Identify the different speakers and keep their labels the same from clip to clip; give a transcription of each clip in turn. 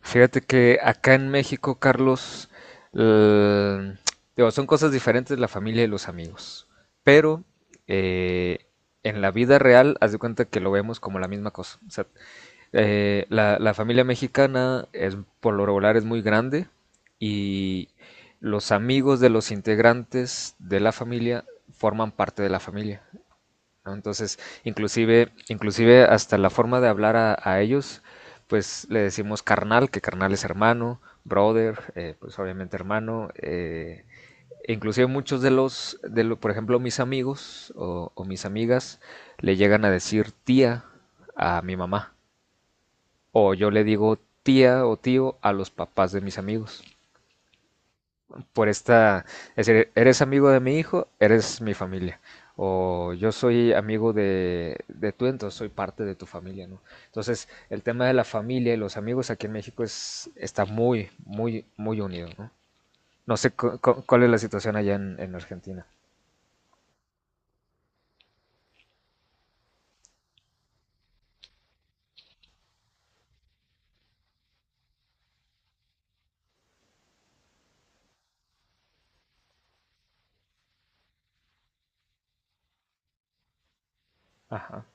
Speaker 1: Fíjate que acá en México, Carlos, eh, digo, son cosas diferentes la familia y los amigos, pero eh, en la vida real, haz de cuenta que lo vemos como la misma cosa. O sea, la familia mexicana es, por lo regular es muy grande, y los amigos de los integrantes de la familia forman parte de la familia, ¿no? Entonces, inclusive, inclusive hasta la forma de hablar a ellos, pues le decimos carnal, que carnal es hermano, brother, pues obviamente hermano. E inclusive muchos de los, de lo- por ejemplo, mis amigos o mis amigas le llegan a decir tía a mi mamá. O yo le digo tía o tío a los papás de mis amigos por esta, es decir, eres amigo de mi hijo, eres mi familia. O yo soy amigo de tú, entonces soy parte de tu familia, ¿no? Entonces, el tema de la familia y los amigos aquí en México es, está muy, muy, muy unido, ¿no? No sé cuál es la situación allá en Argentina. Ajá.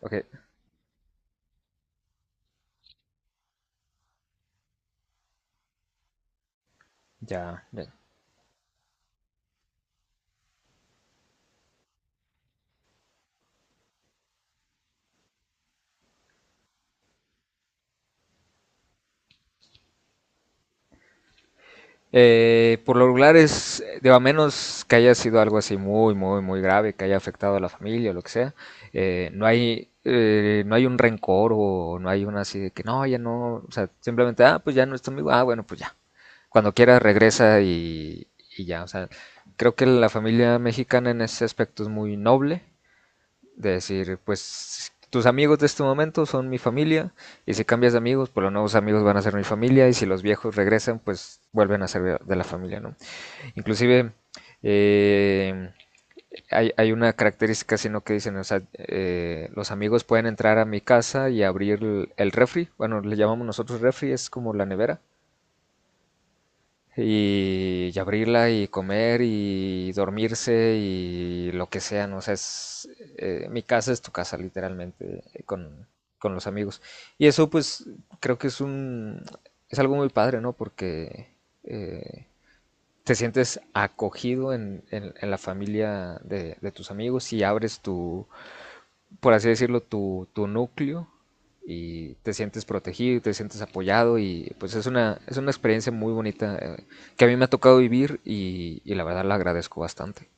Speaker 1: Ok, ya, bien. Por lo regular es, digo, a menos que haya sido algo así muy, muy, muy grave, que haya afectado a la familia o lo que sea, no hay, no hay un rencor o no hay una así de que no, ya no, o sea, simplemente, ah, pues ya no es tu amigo, ah, bueno, pues ya. Cuando quiera regresa y ya, o sea, creo que la familia mexicana en ese aspecto es muy noble de decir, pues tus amigos de este momento son mi familia, y si cambias de amigos, pues los nuevos amigos van a ser mi familia, y si los viejos regresan, pues vuelven a ser de la familia, ¿no? Inclusive eh, hay una característica, sino que dicen, o sea, los amigos pueden entrar a mi casa y abrir el refri, bueno, le llamamos nosotros refri, es como la nevera, y abrirla y comer y dormirse y lo que sea, ¿no? O sea, es, mi casa es tu casa, literalmente, con los amigos. Y eso, pues, creo que es un, es algo muy padre, ¿no? Porque eh, te sientes acogido en la familia de tus amigos y abres tu, por así decirlo, tu núcleo y te sientes protegido y te sientes apoyado y pues es una experiencia muy bonita que a mí me ha tocado vivir y la verdad la agradezco bastante.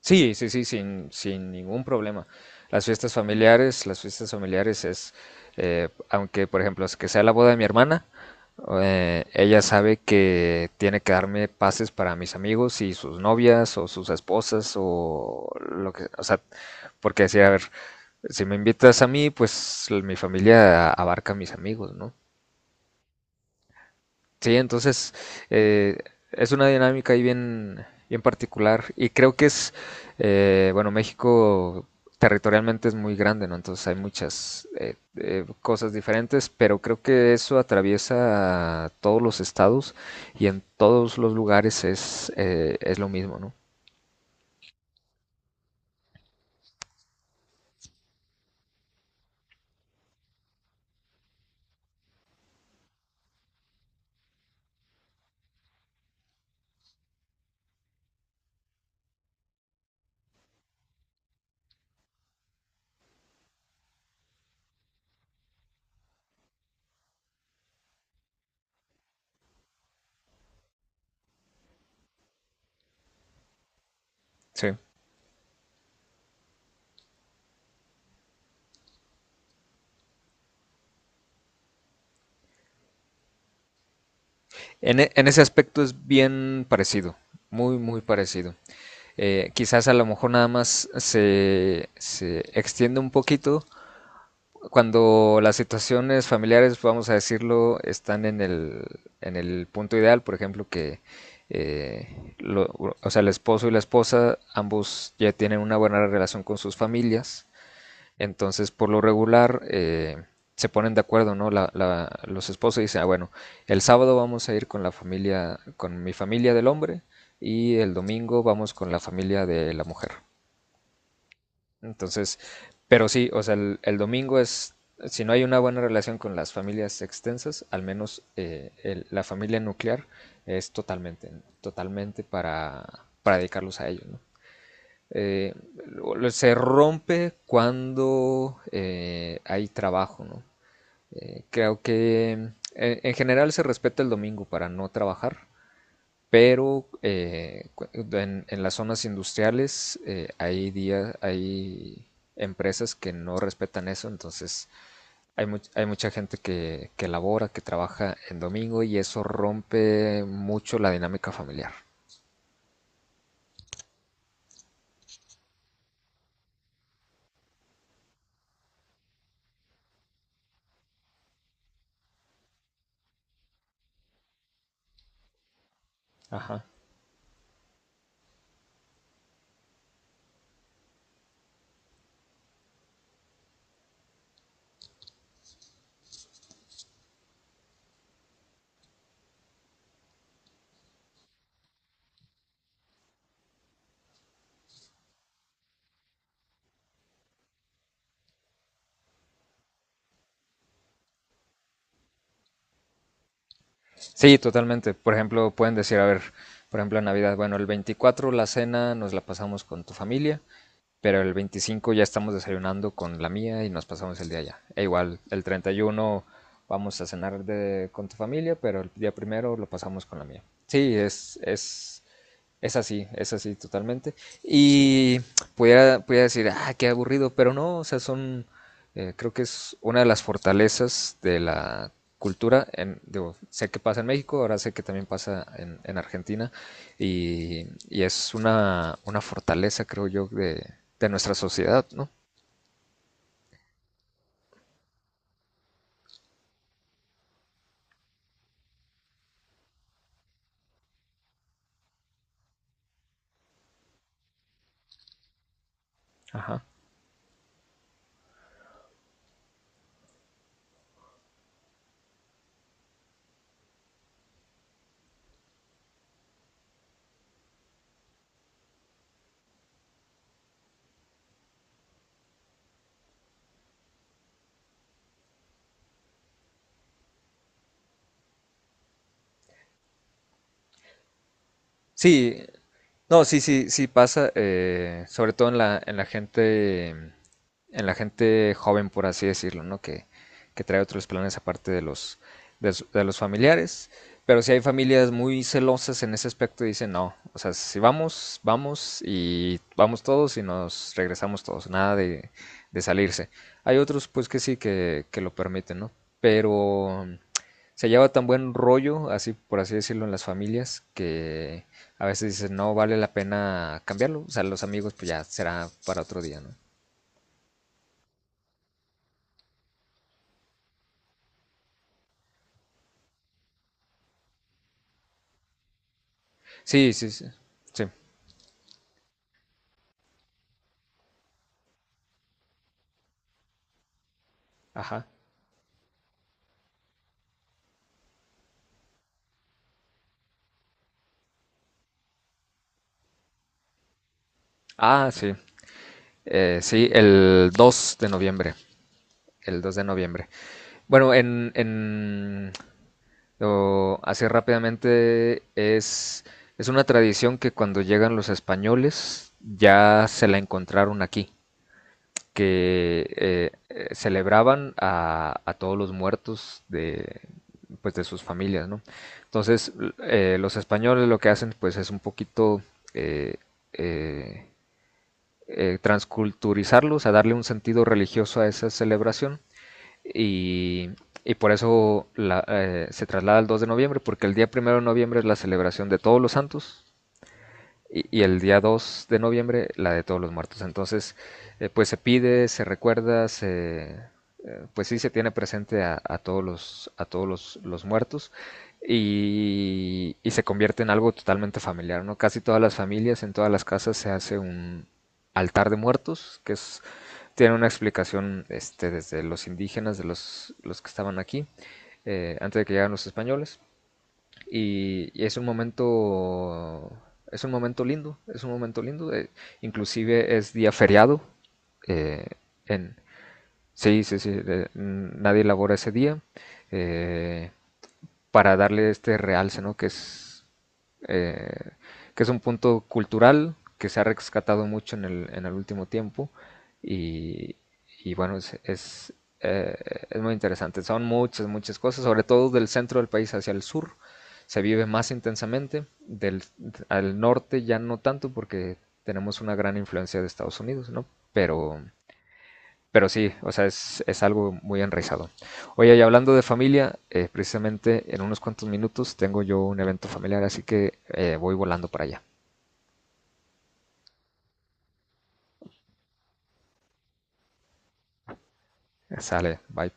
Speaker 1: Sí, sí, sí, sin, sin ningún problema. Las fiestas familiares es, aunque por ejemplo, es que sea la boda de mi hermana, ella sabe que tiene que darme pases para mis amigos y sus novias o sus esposas o lo que, o sea, porque decía, a ver, si me invitas a mí, pues mi familia abarca a mis amigos, ¿no? Sí, entonces eh, es una dinámica ahí bien, bien particular y creo que es, bueno, México territorialmente es muy grande, ¿no? Entonces hay muchas cosas diferentes, pero creo que eso atraviesa todos los estados y en todos los lugares es lo mismo, ¿no? Sí. En ese aspecto es bien parecido, muy, muy parecido. Quizás a lo mejor nada más se, se extiende un poquito cuando las situaciones familiares, vamos a decirlo, están en el punto ideal, por ejemplo, que eh, lo- o sea, el esposo y la esposa, ambos ya tienen una buena relación con sus familias, entonces por lo regular se ponen de acuerdo, ¿no? Los esposos dicen, ah, bueno, el sábado vamos a ir con la familia, con mi familia del hombre y el domingo vamos con la familia de la mujer. Entonces, pero sí, o sea, el domingo es, si no hay una buena relación con las familias extensas, al menos el- la familia nuclear es totalmente, totalmente para dedicarlos a ellos, ¿no? Eh, Se rompe cuando hay trabajo, ¿no? Creo que en general se respeta el domingo para no trabajar, pero en las zonas industriales hay días, hay empresas que no respetan eso, entonces hay, hay mucha gente que labora, que trabaja en domingo y eso rompe mucho la dinámica familiar. Ajá. Sí, totalmente. Por ejemplo, pueden decir, a ver, por ejemplo, en Navidad, bueno, el 24 la cena nos la pasamos con tu familia. Pero el 25 ya estamos desayunando con la mía y nos pasamos el día allá. E igual, el 31 vamos a cenar con tu familia, pero el día primero lo pasamos con la mía. Sí, es así totalmente. Y pudiera, pudiera decir, ah, qué aburrido, pero no, o sea, son, creo que es una de las fortalezas de la cultura. En, digo, sé que pasa en México, ahora sé que también pasa en Argentina, y es una fortaleza, creo yo, de nuestra sociedad, ¿no? Ajá. Sí, no, sí, sí, sí pasa, sobre todo en la gente joven, por así decirlo, ¿no? Que trae otros planes aparte de los, de, de los familiares. Pero si hay familias muy celosas en ese aspecto, dicen no, o sea, si vamos, vamos y vamos todos y nos regresamos todos, nada de, de salirse. Hay otros, pues que sí, que lo permiten, ¿no? Pero se lleva tan buen rollo, así por así decirlo, en las familias, que a veces dices, no vale la pena cambiarlo. O sea, los amigos, pues ya será para otro día, ¿no? Sí, sí, sí. Sí, ajá. Ah, sí. Sí, el 2 de noviembre. El 2 de noviembre. Bueno, en o así rápidamente es una tradición que cuando llegan los españoles ya se la encontraron aquí. Que celebraban a todos los muertos de, pues, de sus familias, ¿no? Entonces, los españoles lo que hacen, pues, es un poquito eh, eh, transculturizarlo, o sea, darle un sentido religioso a esa celebración y, y por eso se traslada al 2 de noviembre, porque el día primero de noviembre es la celebración de todos los santos, y el día 2 de noviembre, la de todos los muertos. Entonces, pues se pide, se recuerda, se, pues sí se tiene presente a todos los muertos y se convierte en algo totalmente familiar, ¿no? Casi todas las familias, en todas las casas se hace un altar de muertos, que es, tiene una explicación este, desde los indígenas, de los que estaban aquí, antes de que llegaran los españoles y es un momento lindo, es un momento lindo. Inclusive es día feriado. eh, en, sí, sí, sí, nadie labora ese día. eh, para darle este realce, ¿no? Eh, que es un punto cultural que se ha rescatado mucho en el último tiempo y, y bueno, eh, es muy interesante. Son muchas, muchas cosas, sobre todo del centro del país hacia el sur se vive más intensamente, del, al norte ya no tanto porque tenemos una gran influencia de Estados Unidos, ¿no? Pero pero sí, o sea, es algo muy enraizado. Oye, y hablando de familia, precisamente en unos cuantos minutos tengo yo un evento familiar, así que voy volando para allá. Sale, bye.